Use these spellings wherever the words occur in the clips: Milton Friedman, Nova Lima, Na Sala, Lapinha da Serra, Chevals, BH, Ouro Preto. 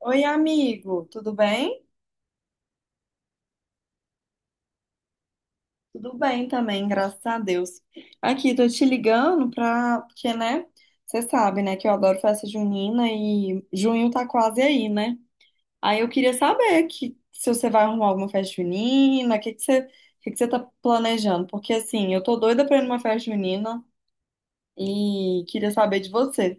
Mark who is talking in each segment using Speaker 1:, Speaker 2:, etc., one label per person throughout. Speaker 1: Oi, amigo, tudo bem? Tudo bem também, graças a Deus. Aqui, tô te ligando pra... Porque, né, você sabe, né, que eu adoro festa junina e junho tá quase aí, né? Aí eu queria saber que se você vai arrumar alguma festa junina, o que que você tá planejando? Porque, assim, eu tô doida pra ir numa festa junina e queria saber de você.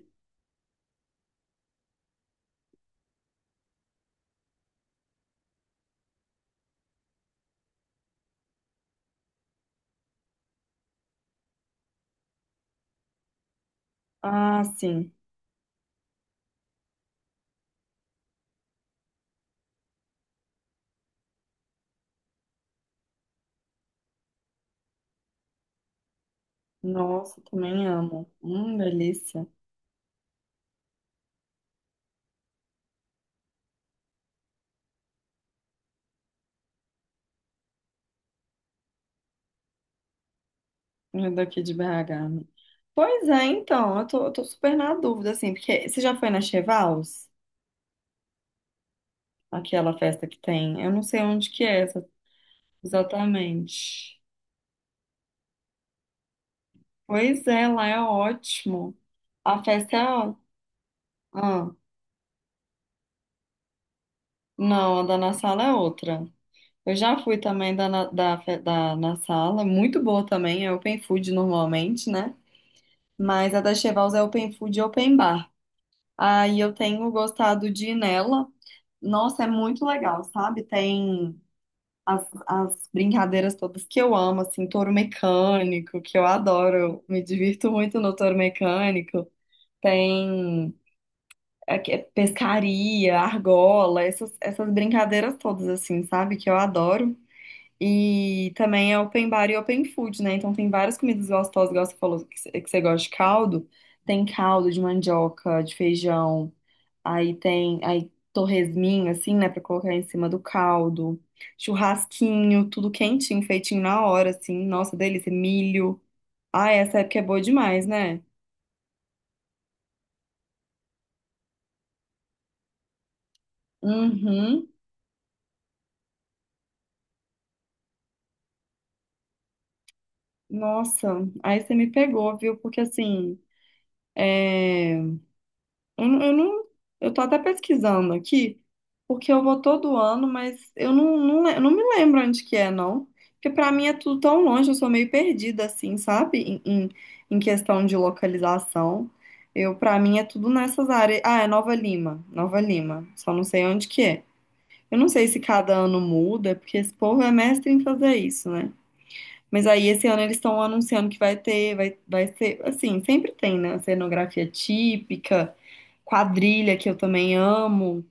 Speaker 1: Ah, sim. Nossa, também amo. Delícia. É daqui de BH, né? Pois é, então, eu tô super na dúvida, assim, porque você já foi na Chevals? Aquela festa que tem? Eu não sei onde que é essa, exatamente. Pois é, lá é ótimo. A festa é... ó- Ah, não, a da Na Sala é outra. Eu já fui também da, na- da, fe- da Na Sala, muito boa também, é open food normalmente, né? Mas a da Chevals é open food e open bar. Aí eu tenho gostado de ir nela. Nossa, é muito legal, sabe? Tem as brincadeiras todas que eu amo, assim, touro mecânico, que eu adoro, me divirto muito no touro mecânico. Tem é pescaria, argola, essas brincadeiras todas, assim, sabe? Que eu adoro. E também é open bar e open food, né? Então tem várias comidas gostosas, igual você falou que você gosta de caldo. Tem caldo de mandioca, de feijão. Aí tem aí torresminho, assim, né, pra colocar em cima do caldo. Churrasquinho, tudo quentinho, feitinho na hora, assim. Nossa, delícia. Milho. Ah, essa época é boa demais, né? Uhum. Nossa, aí você me pegou, viu? Porque assim, é... Eu, não- eu não, eu tô até pesquisando aqui, porque eu vou todo ano, mas eu não me lembro onde que é, não. Porque pra mim é tudo tão longe, eu sou meio perdida, assim, sabe? Em em, em questão de localização. Eu, pra mim é tudo nessas áreas. Ah, é Nova Lima, Nova Lima. Só não sei onde que é. Eu não sei se cada ano muda, porque esse povo é mestre em fazer isso, né? Mas aí esse ano eles estão anunciando que vai ser, assim, sempre tem, né? Cenografia típica, quadrilha, que eu também amo,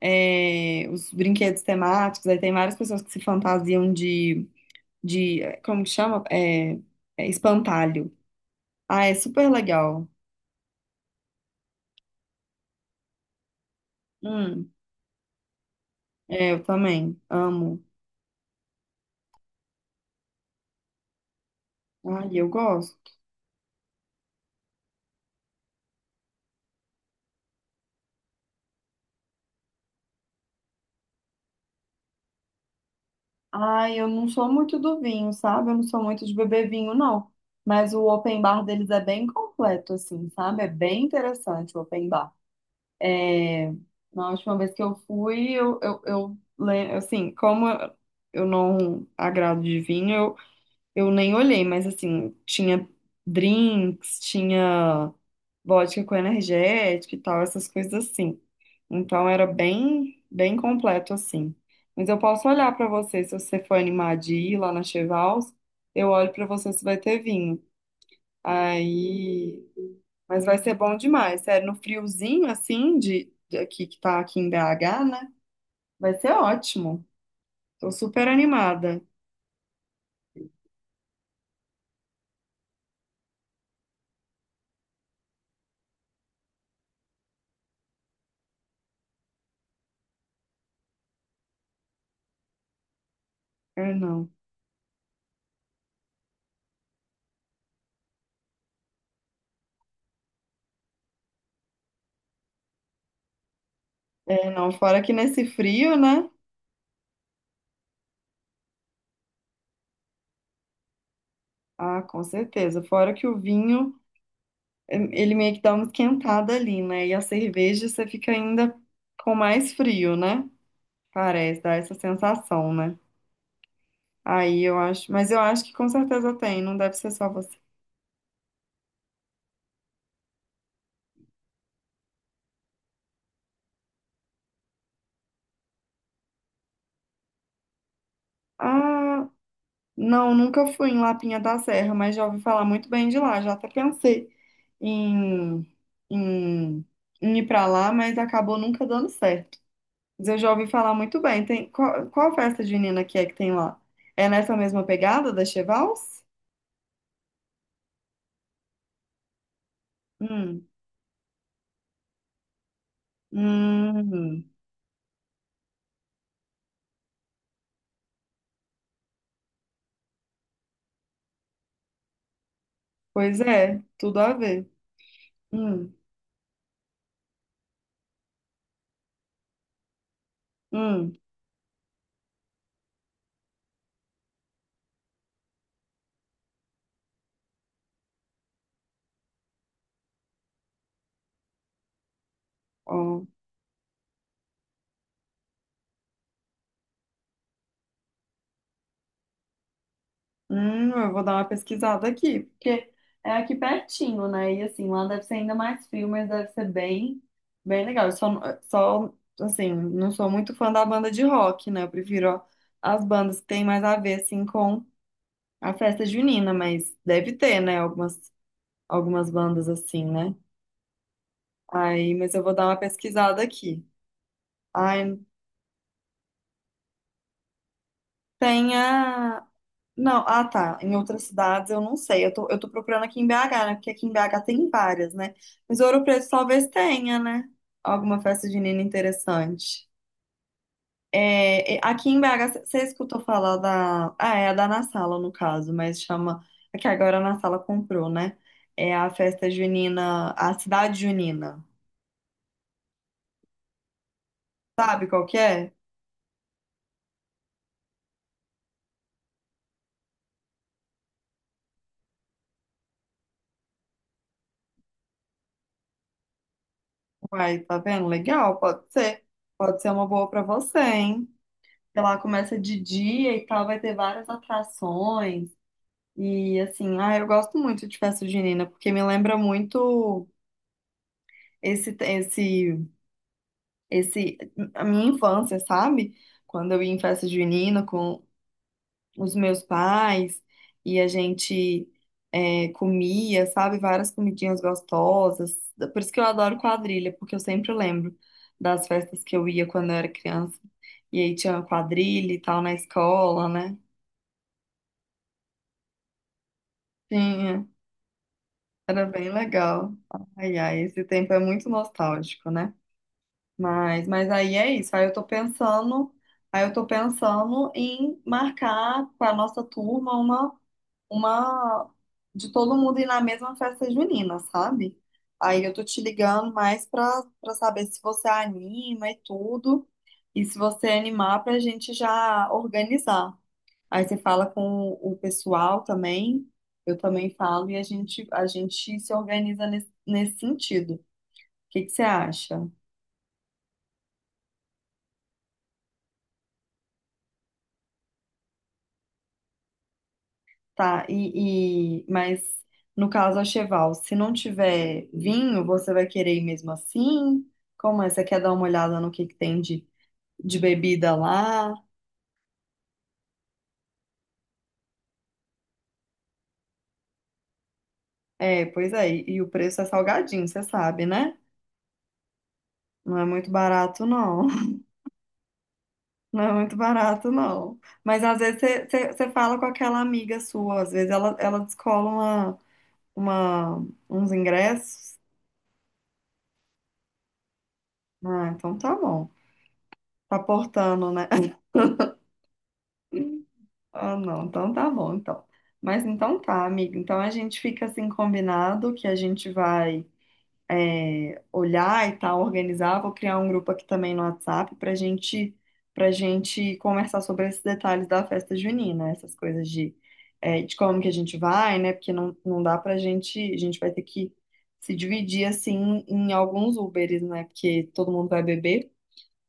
Speaker 1: é, os brinquedos temáticos, aí tem várias pessoas que se fantasiam de, de como que chama? É espantalho. Ah, é super legal. Hum, é, eu também amo. Ai, eu gosto. Ai, eu não sou muito do vinho, sabe? Eu não sou muito de beber vinho, não. Mas o open bar deles é bem completo, assim, sabe? É bem interessante o open bar. É, na última vez que eu fui, assim, como eu não agrado de vinho, eu nem olhei, mas assim, tinha drinks, tinha vodka com energético e tal, essas coisas assim. Então era bem completo assim. Mas eu posso olhar pra você se você for animar de ir lá na Chevals, eu olho pra você se vai ter vinho. Aí, mas vai ser bom demais, sério, no friozinho assim de aqui que tá aqui em BH, né? Vai ser ótimo. Tô super animada. É, não. É, não, fora que nesse frio, né? Ah, com certeza. Fora que o vinho ele meio que dá uma esquentada ali, né? E a cerveja você fica ainda com mais frio, né? Parece, dá essa sensação, né? Aí eu acho, mas eu acho que com certeza tem, não deve ser só você. Ah, não, nunca fui em Lapinha da Serra, mas já ouvi falar muito bem de lá, já até pensei em, em, em ir pra lá, mas acabou nunca dando certo. Mas eu já ouvi falar muito bem. Tem, qual festa junina que é que tem lá? É nessa mesma pegada da Chevals? Hum. Hum, pois é, tudo a ver. Hum, hum, ó. Eu vou dar uma pesquisada aqui, porque é aqui pertinho, né? E assim, lá deve ser ainda mais frio, mas deve ser bem, bem legal. Só, assim, não sou muito fã da banda de rock, né? Eu prefiro ó, as bandas que têm mais a ver, assim, com a festa junina, mas deve ter, né? Algumas bandas assim, né? Aí, mas eu vou dar uma pesquisada aqui. Ai, tem a. Não, ah tá. Em outras cidades eu não sei. Eu tô procurando aqui em BH, né? Porque aqui em BH tem várias, né? Mas Ouro Preto talvez tenha, né? Alguma festa junina interessante. Aqui em BH, você escutou falar da. Ah, é a da Na Sala, no caso, mas chama. É que agora a Na Sala comprou, né? É a festa junina, a cidade junina. Sabe qual que é? Uai, tá vendo? Legal, pode ser. Pode ser uma boa pra você, hein? Sei lá, começa de dia e tal, vai ter várias atrações. E assim, ah, eu gosto muito de festa junina, porque me lembra muito esse, esse, esse, a minha infância, sabe? Quando eu ia em festa junina com os meus pais e a gente é, comia, sabe, várias comidinhas gostosas. Por isso que eu adoro quadrilha, porque eu sempre lembro das festas que eu ia quando eu era criança. E aí tinha quadrilha e tal na escola, né? Tinha, era bem legal. Ai, ai, esse tempo é muito nostálgico, né? Mas aí é isso. Aí eu tô pensando em marcar para nossa turma uma de todo mundo ir na mesma festa junina, sabe? Aí eu tô te ligando mais para saber se você anima e tudo, e se você animar pra gente já organizar. Aí você fala com o pessoal também, eu também falo e a gente se organiza nesse nesse sentido. O que que você acha? Tá, mas no caso a Cheval, se não tiver vinho, você vai querer ir mesmo assim? Como é? Você quer dar uma olhada no que tem de bebida lá? É, pois é, e o preço é salgadinho, você sabe, né? Não é muito barato, não. Não é muito barato, não. Mas às vezes você fala com aquela amiga sua, às vezes ela descola uns ingressos. Ah, então tá bom. Tá portando, né? Ah, não, então tá bom, então. Mas então tá, amiga. Então a gente fica assim combinado que a gente vai é, olhar e tal, organizar. Vou criar um grupo aqui também no WhatsApp pra gente conversar sobre esses detalhes da festa junina, essas coisas de, é, de como que a gente vai, né? Porque não dá pra gente, a gente vai ter que se dividir assim em alguns Uberes, né? Porque todo mundo vai beber.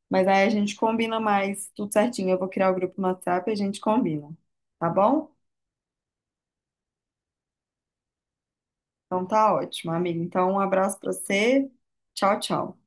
Speaker 1: Mas aí a gente combina mais tudo certinho. Eu vou criar o grupo no WhatsApp e a gente combina. Tá bom? Então tá ótimo, amigo. Então um abraço pra você. Tchau, tchau.